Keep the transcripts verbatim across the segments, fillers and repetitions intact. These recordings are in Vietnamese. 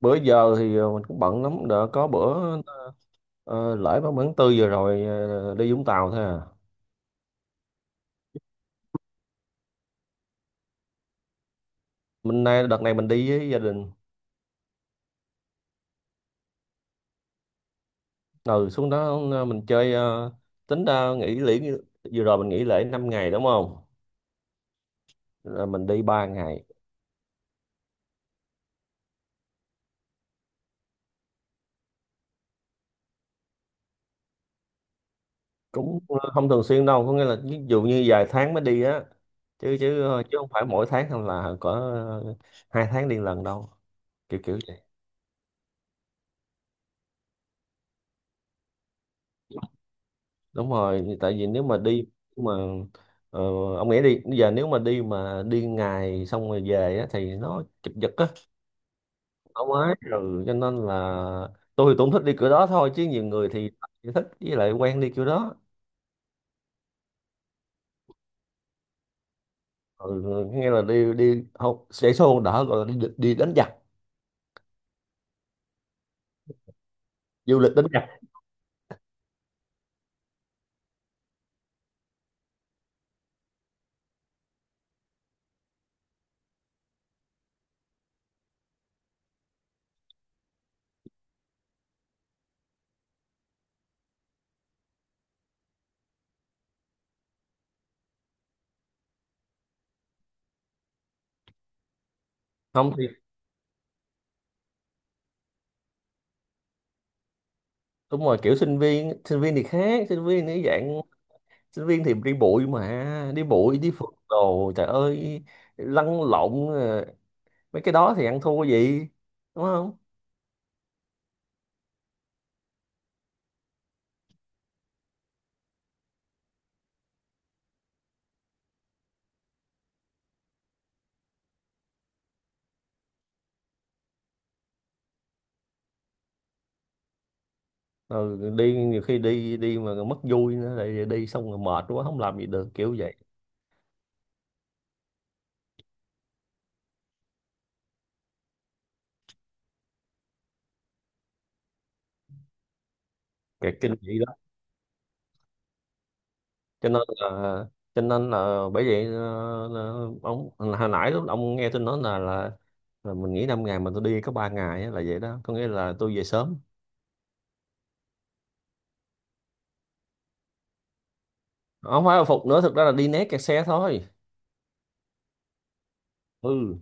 Bữa giờ thì ờ, mình cũng bận lắm. Đã có bữa ờ, lễ ba mươi tháng tư vừa rồi ờ, đi Vũng Tàu thôi à. Mình nay Đợt này mình đi với gia đình. Ừ, xuống đó ờ, mình chơi, ờ, tính ra nghỉ lễ vừa rồi mình nghỉ lễ năm ngày, đúng không? Là mình đi ba ngày. Cũng ờ, không thường xuyên đâu, có nghĩa là ví dụ như vài tháng mới đi á. Chứ chứ ờ, chứ không phải mỗi tháng hay là có ờ, hai tháng đi lần đâu, kiểu kiểu vậy. Đúng rồi, tại vì nếu mà đi mà ờ, ông nghĩ đi bây giờ nếu mà đi mà đi ngày xong rồi về á, thì nó chụp giật á. Không ấy, rồi cho nên là tôi thì tôi cũng thích đi kiểu đó thôi, chứ nhiều người thì chỉ thích với lại quen đi kiểu đó. Ừ, nghe là đi đi học sẽ xôn đỡ gọi là đi, đi đánh giặc. Du lịch đánh giặc. Không thì đúng rồi, kiểu sinh viên sinh viên thì khác, sinh viên thì dạng sinh viên thì đi bụi, mà đi bụi đi phượt đồ trời ơi, lăn lộn, ờ, mấy cái đó thì ăn thua gì, đúng không? Rồi đi nhiều khi đi đi mà mất vui nữa, lại đi xong rồi mệt quá không làm gì được, kiểu vậy. Cái kinh dị đó. Cho nên là cho nên là bởi vậy ờ, là ông hồi nãy lúc ông nghe tôi nói là là, là mình nghỉ năm ngày mà tôi đi có ba ngày á, là vậy đó, có nghĩa là tôi về sớm. Không phải là phục nữa, thực ra là đi né kẹt xe thôi. Ừ.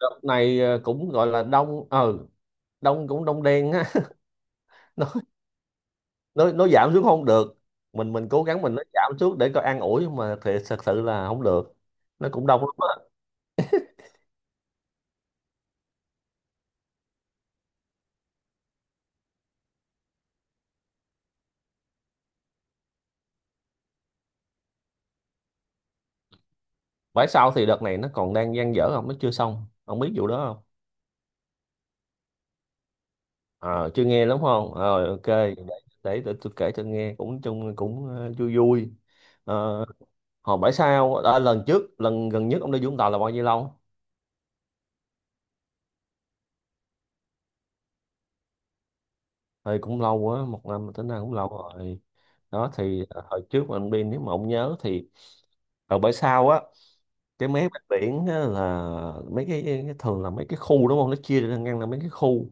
Đợt này ờ, cũng gọi là đông, ờ đông cũng đông đen á. nó nó giảm xuống không được, mình mình cố gắng, mình nó giảm xuống để coi an ủi nhưng mà thì thật sự là không được. Nó cũng đông lắm á. Phải sau thì đợt này nó còn đang dang dở không, nó chưa xong, không biết vụ đó không? Ờ, chưa nghe lắm. Không, rồi ok, để, để, để tôi kể cho nghe, cũng chung cũng ờ, vui vui. Ờ, Hồi bãi sau à, lần trước lần gần nhất ông đi Vũng Tàu là bao nhiêu lâu? Thì cũng lâu quá, một năm tính ra cũng lâu rồi. Đó thì ờ, hồi trước mà ông đi nếu mà ông nhớ thì ở bãi sau á, cái mé bên biển á là mấy cái, cái thường là mấy cái khu, đúng không, nó chia ra ngăn là mấy cái khu.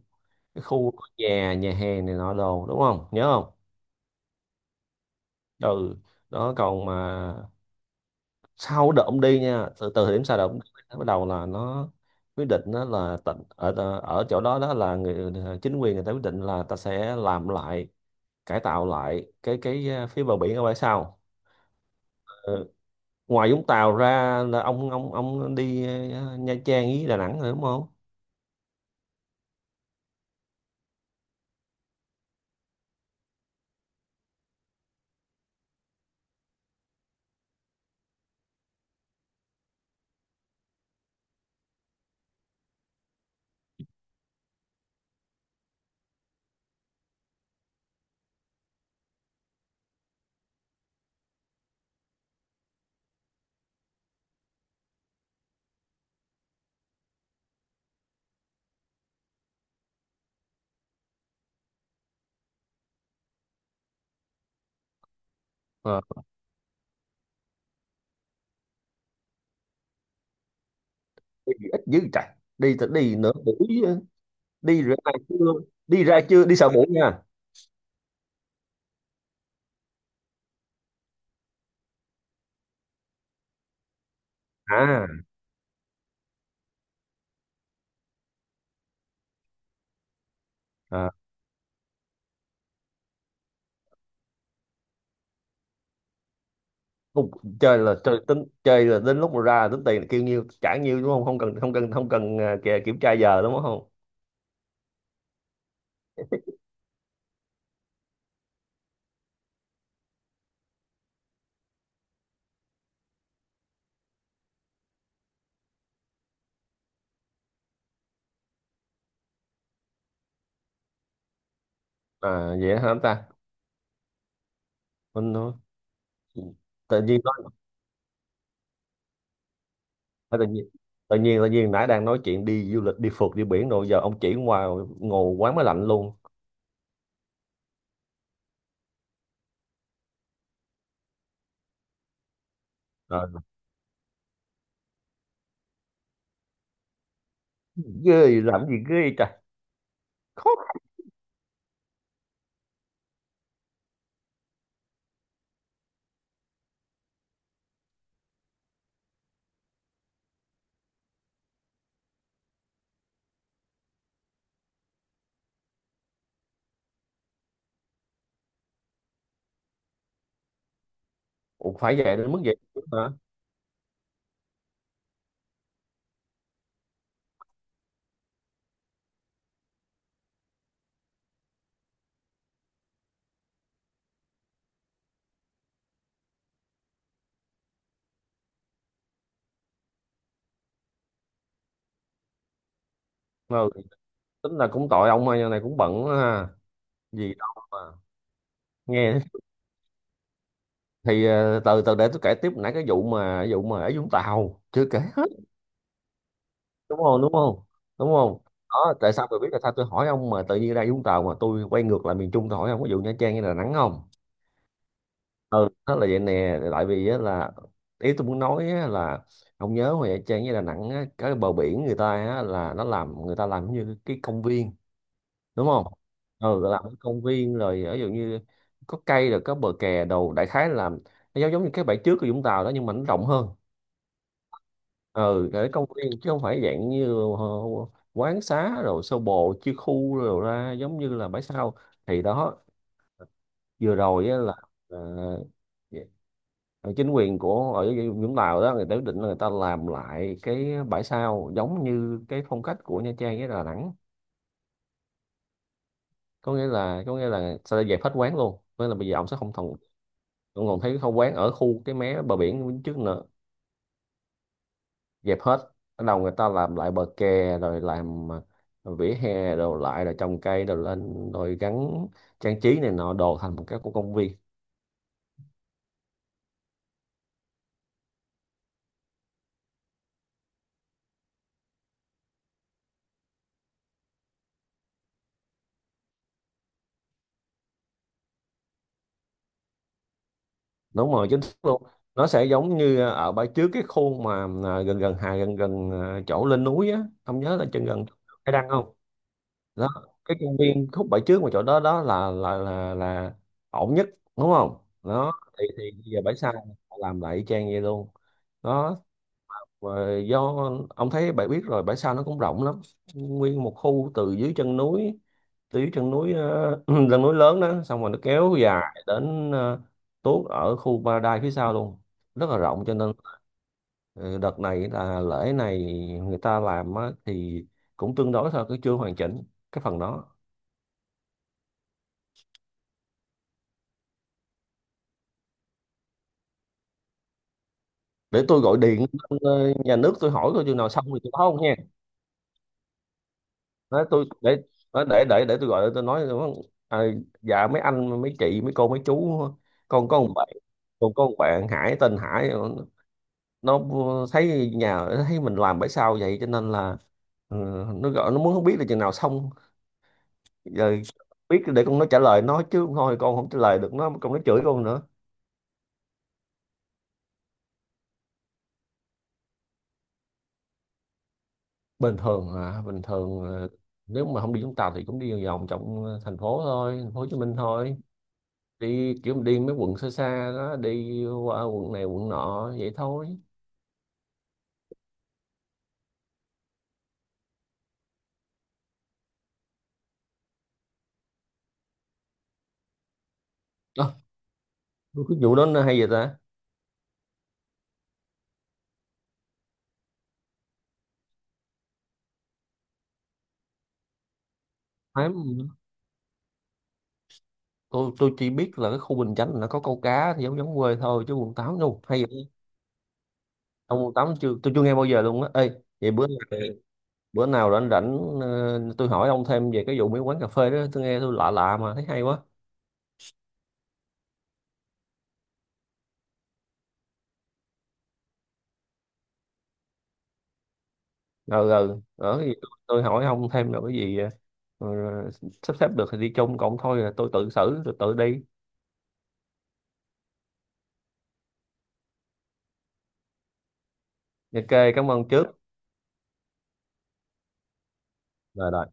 Cái khu có nhà nhà hàng này nọ đồ, đúng không, nhớ không? Ừ, đó. Còn mà sau đợt ông đi nha, từ từ thời điểm sau đợt ông đi nó bắt đầu là nó quyết định đó là tỉnh ở ở chỗ đó, đó là người chính quyền người ta quyết định là ta sẽ làm lại, cải tạo lại cái cái à, phía bờ biển ở bãi sau. Ờ, Ngoài Vũng Tàu ra là ông ông ông đi ờ, Nha Trang với Đà Nẵng rồi, đúng không? Ờ. Đi ít dữ trời. Đi thì đi nửa buổi á, đi ra trưa, đi ra chưa đi sau buổi nha. À, à không, chơi là chơi, tính chơi là đến lúc mà ra là tính tiền là kêu nhiêu trả nhiêu, đúng không, không cần, không cần, không cần, à, kìa, kiểm tra giờ, đúng không? À, vậy hả anh ta, mình nói, tự nhiên nói à, tự nhiên tự nhiên tự nhiên nãy đang nói chuyện đi du lịch đi phượt đi biển, rồi giờ ông chỉ ngoài ngồi quán máy lạnh luôn. À, ghê làm gì ghê trời. Khó. Ủa, phải vậy đến mức vậy hả? Ờ, Tính là cũng tội ông ơi, này cũng bận quá ha, gì đâu mà nghe. Thì ờ, từ từ để tôi kể tiếp nãy cái vụ mà vụ mà ở Vũng Tàu chưa kể hết, đúng không, đúng không, đúng không? Đó tại sao tôi biết là sao tôi hỏi ông mà tự nhiên ra Vũng Tàu mà tôi quay ngược lại miền Trung, tôi hỏi ông có vụ Nha Trang hay Đà Nẵng không. Ừ, đó là vậy nè, tại vì á là ý tôi muốn nói á là ông nhớ hồi Nha Trang với Đà Nẵng á, cái bờ biển người ta á, là nó làm, người ta làm như cái công viên, đúng không? Ừ, làm ở công viên rồi, ví dụ như có cây rồi có bờ kè đồ, đại khái là nó giống giống như cái bãi trước của Vũng Tàu đó, nhưng mà nó rộng hơn. Ừ, để công viên chứ không phải dạng như ờ, quán xá rồi sơ bộ chia khu rồi ra giống như là bãi sau, thì đó. Vừa rồi á là ờ, ờ, chính quyền của ở Vũng Tàu đó người ta quyết định là người ta làm lại cái bãi sau giống như cái phong cách của Nha Trang với Đà Nẵng. Có nghĩa là có nghĩa là sẽ dẹp hết quán luôn, có nghĩa là bây giờ ông sẽ không còn không còn thấy không, quán ở khu cái mé bờ biển bên trước nữa, dẹp hết. Bắt đầu người ta làm lại bờ kè rồi làm à, vỉa hè rồi lại rồi trồng cây rồi lên rồi gắn trang trí này nọ đồ thành một cái của công viên. Đúng rồi, chính xác luôn. Nó sẽ giống như à, ở bãi trước cái khu mà à, gần gần hà gần gần à, chỗ lên núi á, ông nhớ là chừng gần cái đăng không? Đó, cái công viên khúc bãi trước mà chỗ đó đó là là là là ổn nhất, đúng không? Đó thì thì bây giờ bãi sau họ làm lại y chang vậy luôn. Đó, và do ông thấy, bạn biết rồi, bãi sau nó cũng rộng lắm, nguyên một khu từ dưới chân núi, từ dưới chân núi uh, chân núi lớn đó, xong rồi nó kéo dài đến ờ, tuốt ở khu Paradise phía sau luôn, rất là rộng. Cho nên ờ, đợt này là lễ này người ta làm á, thì cũng tương đối thôi, cứ chưa hoàn chỉnh cái phần đó. Để tôi gọi điện lên, ờ, nhà nước tôi hỏi coi chừng nào xong thì tôi báo ông nha. Nói tôi để nói để để để tôi gọi, tôi nói à, dạ mấy anh mấy chị mấy cô mấy chú, con có một bạn con có một bạn Hải tên Hải, nó thấy nhà thấy mình làm bãi sao vậy cho nên là, ừ, nó gọi nó muốn không biết là chừng nào xong giờ, biết để con nó trả lời nó chứ không thôi con không trả lời được nó, con nó chửi con nữa. Bình thường à, bình thường à, nếu mà không đi chúng ta thì cũng đi vòng vòng trong ờ, thành phố thôi, thành phố Hồ Chí Minh thôi, đi kiểu đi mấy quận xa xa đó, đi qua quận này quận nọ vậy thôi. Ờ, cái vụ đó nó hay vậy ta. Thám, tôi tôi chỉ biết là cái khu Bình Chánh là có câu cá thì giống giống quê thôi, chứ quận tám đâu hay vậy. Ông quận tám chưa, tôi chưa nghe bao giờ luôn á, ê. Vậy bữa nào, bữa nào rảnh rảnh ờ, tôi hỏi ông thêm về cái vụ mấy quán cà phê đó, tôi nghe tôi lạ lạ mà thấy hay quá. Rồi rồi ở cái gì tôi tôi hỏi ông thêm rồi cái gì ờ, ờ, sắp xếp được thì đi chung, cộng thôi là tôi tự xử tôi tự đi. Ok, cảm ơn trước. Rồi, rồi.